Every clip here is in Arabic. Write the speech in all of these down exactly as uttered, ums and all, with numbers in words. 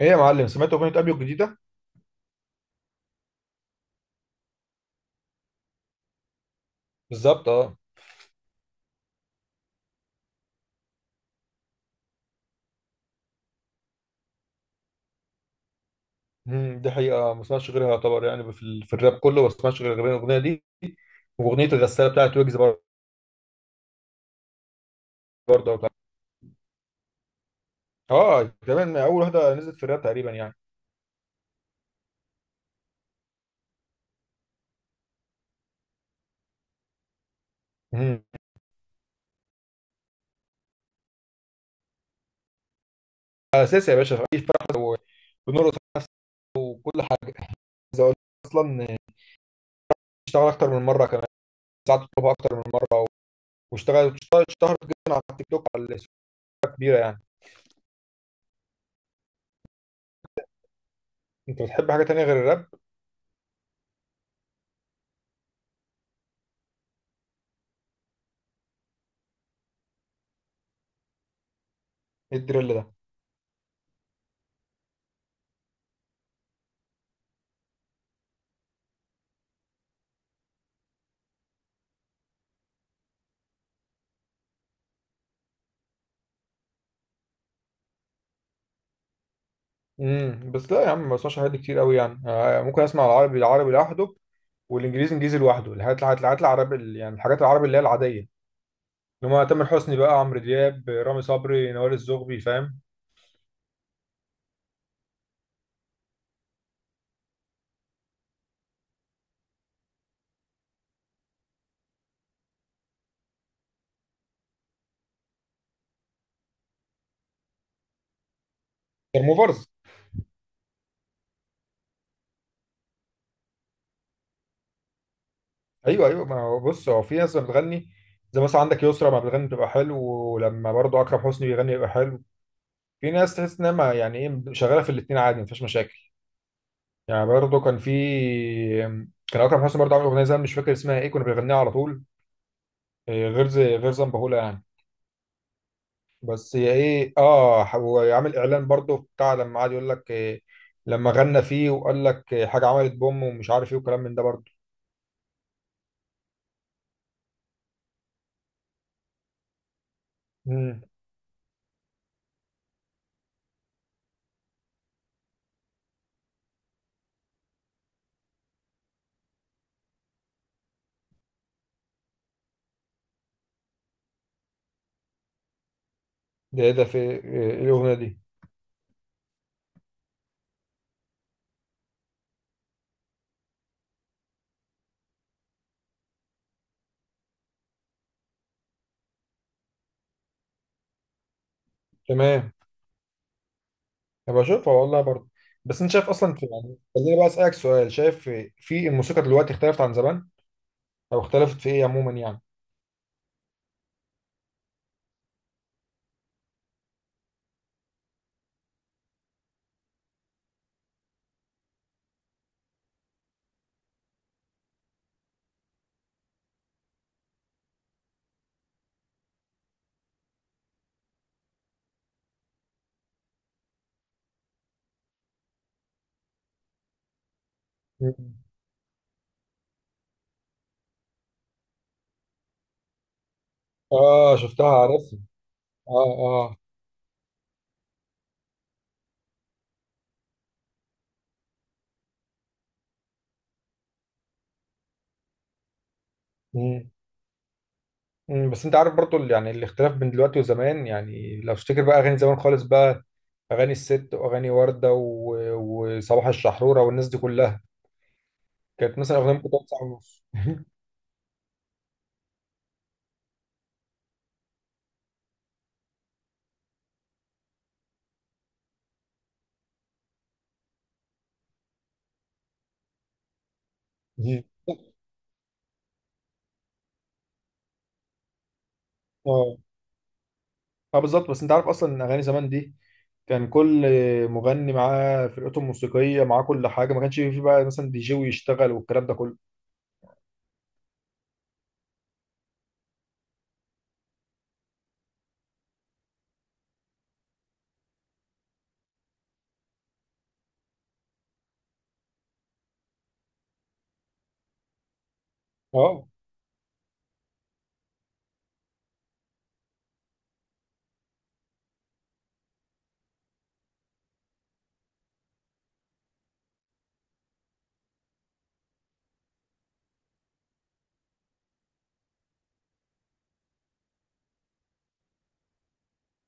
ايه يا معلم، سمعت اغنيه ابيو الجديده؟ بالظبط اه. مم، دي حقيقة ما اسمعش غيرها، يعتبر يعني في, ال... في الراب كله ما اسمعش غير غير الأغنية دي. وأغنية الغسالة بتاعت ويجز بر- برضه بتاع- اه كمان اول واحده نزلت في الراب تقريبا يعني. مم، اساسي يا باشا، في اي فرح و- بنرقص نفس وكل حاجه. عايز اقول لك اصلا اشتغل اكتر من مره، كمان ساعات تطلبها اكتر من مره واشتغل. اشتهرت جدا على التيك توك، على السوشيال ميديا، كبيره يعني. انت بتحب حاجه تانيه غير الراب؟ ايه الدريل ده؟ امم بس لا يا عم، ما بسمعش حاجات كتير قوي يعني، آه، ممكن اسمع العربي العربي لوحده والانجليزي انجليزي لوحده. الحاجات الحاجات الحاجات العربي ال- يعني الحاجات العربي اللي هي العاديه، اللي هم تامر حسني بقى، عمرو دياب، رامي صبري، نوال الزغبي، فاهم؟ موفرز. ايوه ايوه، ما هو بص، هو في ناس بتغني، زي مثلا عندك يسرا ما بتغني بتبقى حلو، ولما برضه اكرم حسني بيغني بيبقى حلو. في ناس تحس انها ما- يعني ايه، شغاله في الاثنين عادي، مفيش مشاكل. يعني برضه كان في كان اكرم حسني برضه عامل اغنيه زمان مش فاكر اسمها ايه، كنا بنغنيها على طول، آه، غير زي غير زنبهولة يعني. بس هي ايه، اه هو عامل اعلان برضه بتاع، لما قعد يقول لك إيه، لما غنى فيه وقال لك إيه، حاجه عملت بوم ومش عارف ايه وكلام من ده برضه. امم. ده ايه ده، في إيه الاغنيه دي؟ تمام، هبقى اشوفها والله برضه. بس انت شايف اصلا في يعني، خليني بقى اسالك سؤال، شايف في في الموسيقى دلوقتي اختلفت عن زمان او اختلفت في ايه عموما يعني؟ مم. اه شفتها، عارفها. اه اه. مم. مم. بس انت عارف برضه يعني الاختلاف بين دلوقتي وزمان، يعني لو تفتكر بقى اغاني زمان خالص بقى، اغاني الست واغاني ورده و... وصباح الشحروره والناس دي كلها، كانت مثلا اغنيه ممكن تقعد ساعه ونص اه اه بالظبط، بس انت عارف اصلا ان اغاني زمان دي كان كل مغني معاه فرقته الموسيقيه، معاه كل حاجه، ما كانش في بقى مثلا دي جي ويشتغل والكلام ده كله. اه.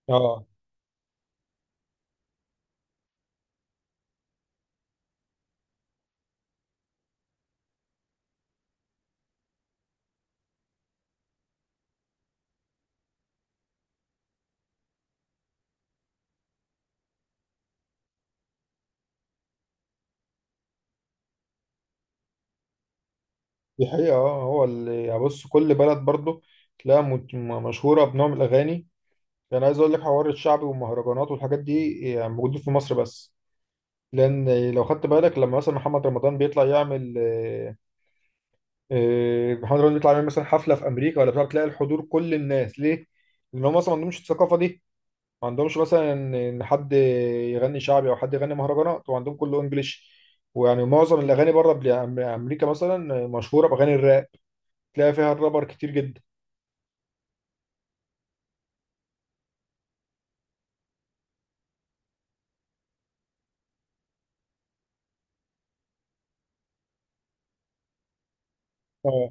اه دي حقيقه، اه هو اللي يعني بص، كل بلد برضه تلاقيها مت- م- مشهوره بنوع من الاغاني. يعني عايز اقول لك حوار الشعبي والمهرجانات والحاجات دي يعني موجود في مصر بس، لان لو خدت بالك لما مثلا محمد رمضان بيطلع يعمل آه، آه، محمد رمضان بيطلع يعمل مثلا حفله في امريكا ولا بتاع، تلاقي الحضور كل الناس، ليه؟ لان هم اصلا ما عندهمش الثقافه دي، ما عندهمش مثلا ان حد يغني شعبي او حد يغني مهرجانات، وعندهم كله انجليش. ويعني معظم الاغاني بره بلا- أم- امريكا مثلا مشهوره باغاني الراب، تلاقي فيها الرابر كتير جدا. اه.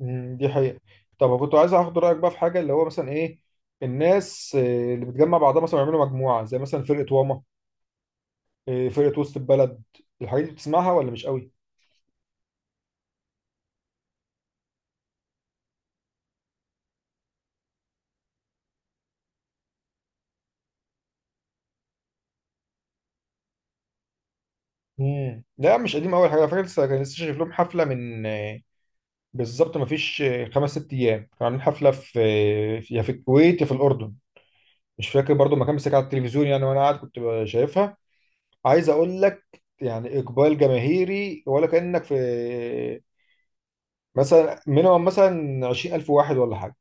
أمم، دي حقيقه. طب كنت عايز اخد رايك بقى في حاجه، اللي هو مثلا ايه، الناس آه، اللي بتجمع بعضها مثلا يعملوا مجموعه زي مثلا فرقه واما، إيه، فرقة وسط البلد، الحاجات دي بتسمعها ولا مش قوي؟ مم. لا مش قديم قوي حاجة، فاكر لسه كان لسه شايف لهم حفلة من آه، بالظبط ما فيش آه، خمس ست أيام، كانوا عاملين حفلة في آه، في- يا في الكويت يا في الأردن، مش فاكر برضو المكان، بس كان على التلفزيون يعني وأنا قاعد كنت ب- شايفها. عايز أقول لك يعني إقبال جماهيري، ولا كأنك في آه، مثلا مينيمم مثلا عشرين الف واحد ولا حاجة.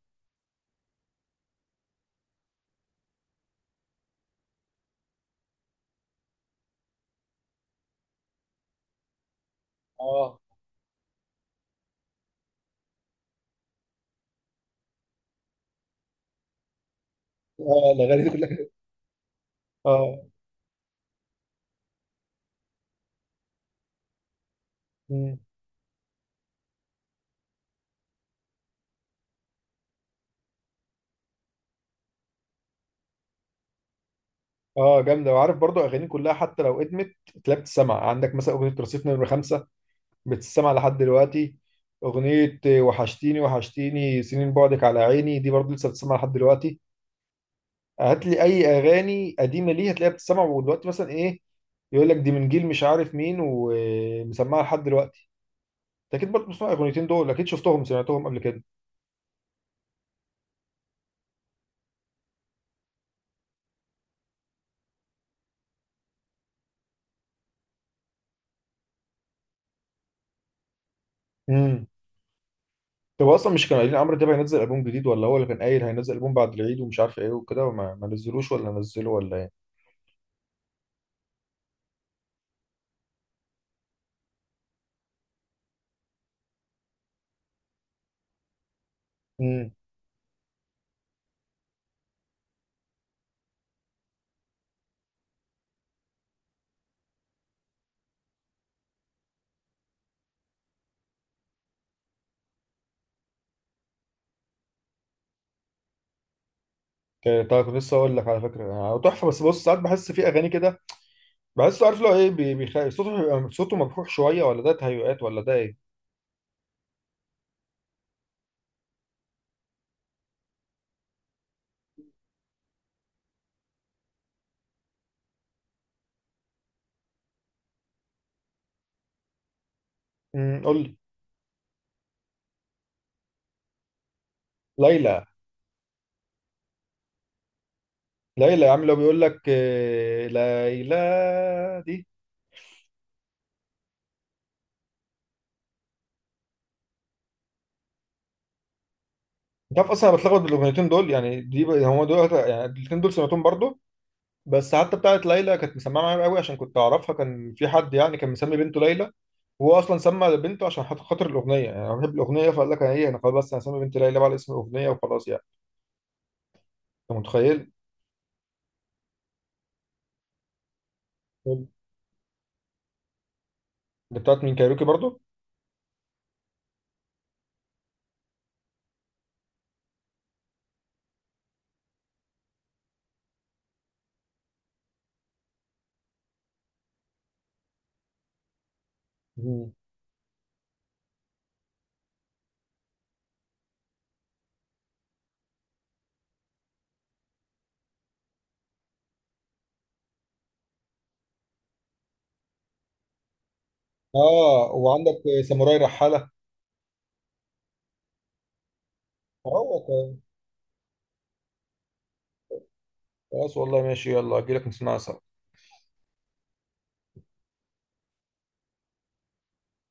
اه اه الاغاني دي كلها كده. اه. مم. اه جامده، وعارف برضو اغاني كلها حتى لو ادمت تلاقي بتسمع، عندك مثلا اغنيه رصيف نمره خمسة بتسمع لحد دلوقتي، اغنيه وحشتيني وحشتيني سنين بعدك على عيني دي برضو لسه بتسمع لحد دلوقتي. هات لي اي اغاني قديمه ليه هتلاقيها بتسمع، ودلوقتي مثلا ايه، يقول لك دي من جيل مش عارف مين، ومسمعها لحد دلوقتي. انت اكيد برضو بتسمع الاغنيتين دول، اكيد شفتهم سمعتهم قبل كده. امم. طب اصلا مش كانوا قايلين عمرو دياب هينزل البوم جديد، ولا هو اللي كان قايل هينزل البوم بعد العيد ومش عارف ايه وكده، وما ما نزلوش ولا نزلوا ولا ايه؟ مم. ك- طيب، كنت لسه اقول لك على فكره يعني تحفه، بس بص ساعات بحس في اغاني كده بحسه، عارف لو ايه، بي- بيخ... صوته بيبقى- صوته مبحوح شويه، ولا ده تهيؤات ولا ده ايه؟ امم، قول لي. ليلى. ليلى يا عم، لو بيقول لك إيه، ليلى دي. انت عارف اصلا انا بتلخبط بالاغنيتين دول، يعني دي ب- هم دول يعني الاثنين دول سمعتهم برضو. بس حتى بتاعه ليلى كانت مسمعه معايا قوي، عشان كنت اعرفها، كان في حد يعني كان مسمي بنته ليلى، وهو اصلا سمى بنته عشان خاطر خاطر الاغنيه، يعني انا بحب الاغنيه فقال لك انا ايه، انا خلاص بس انا هسمي بنتي ليلى بقى على اسم الاغنيه وخلاص يعني، انت متخيل. اللي بتاعت مين، كايروكي برضو؟ مم. اه وعندك ساموراي رحالة. اه ك- خلاص والله، ماشي يلا اجي لك نسمعها سوا.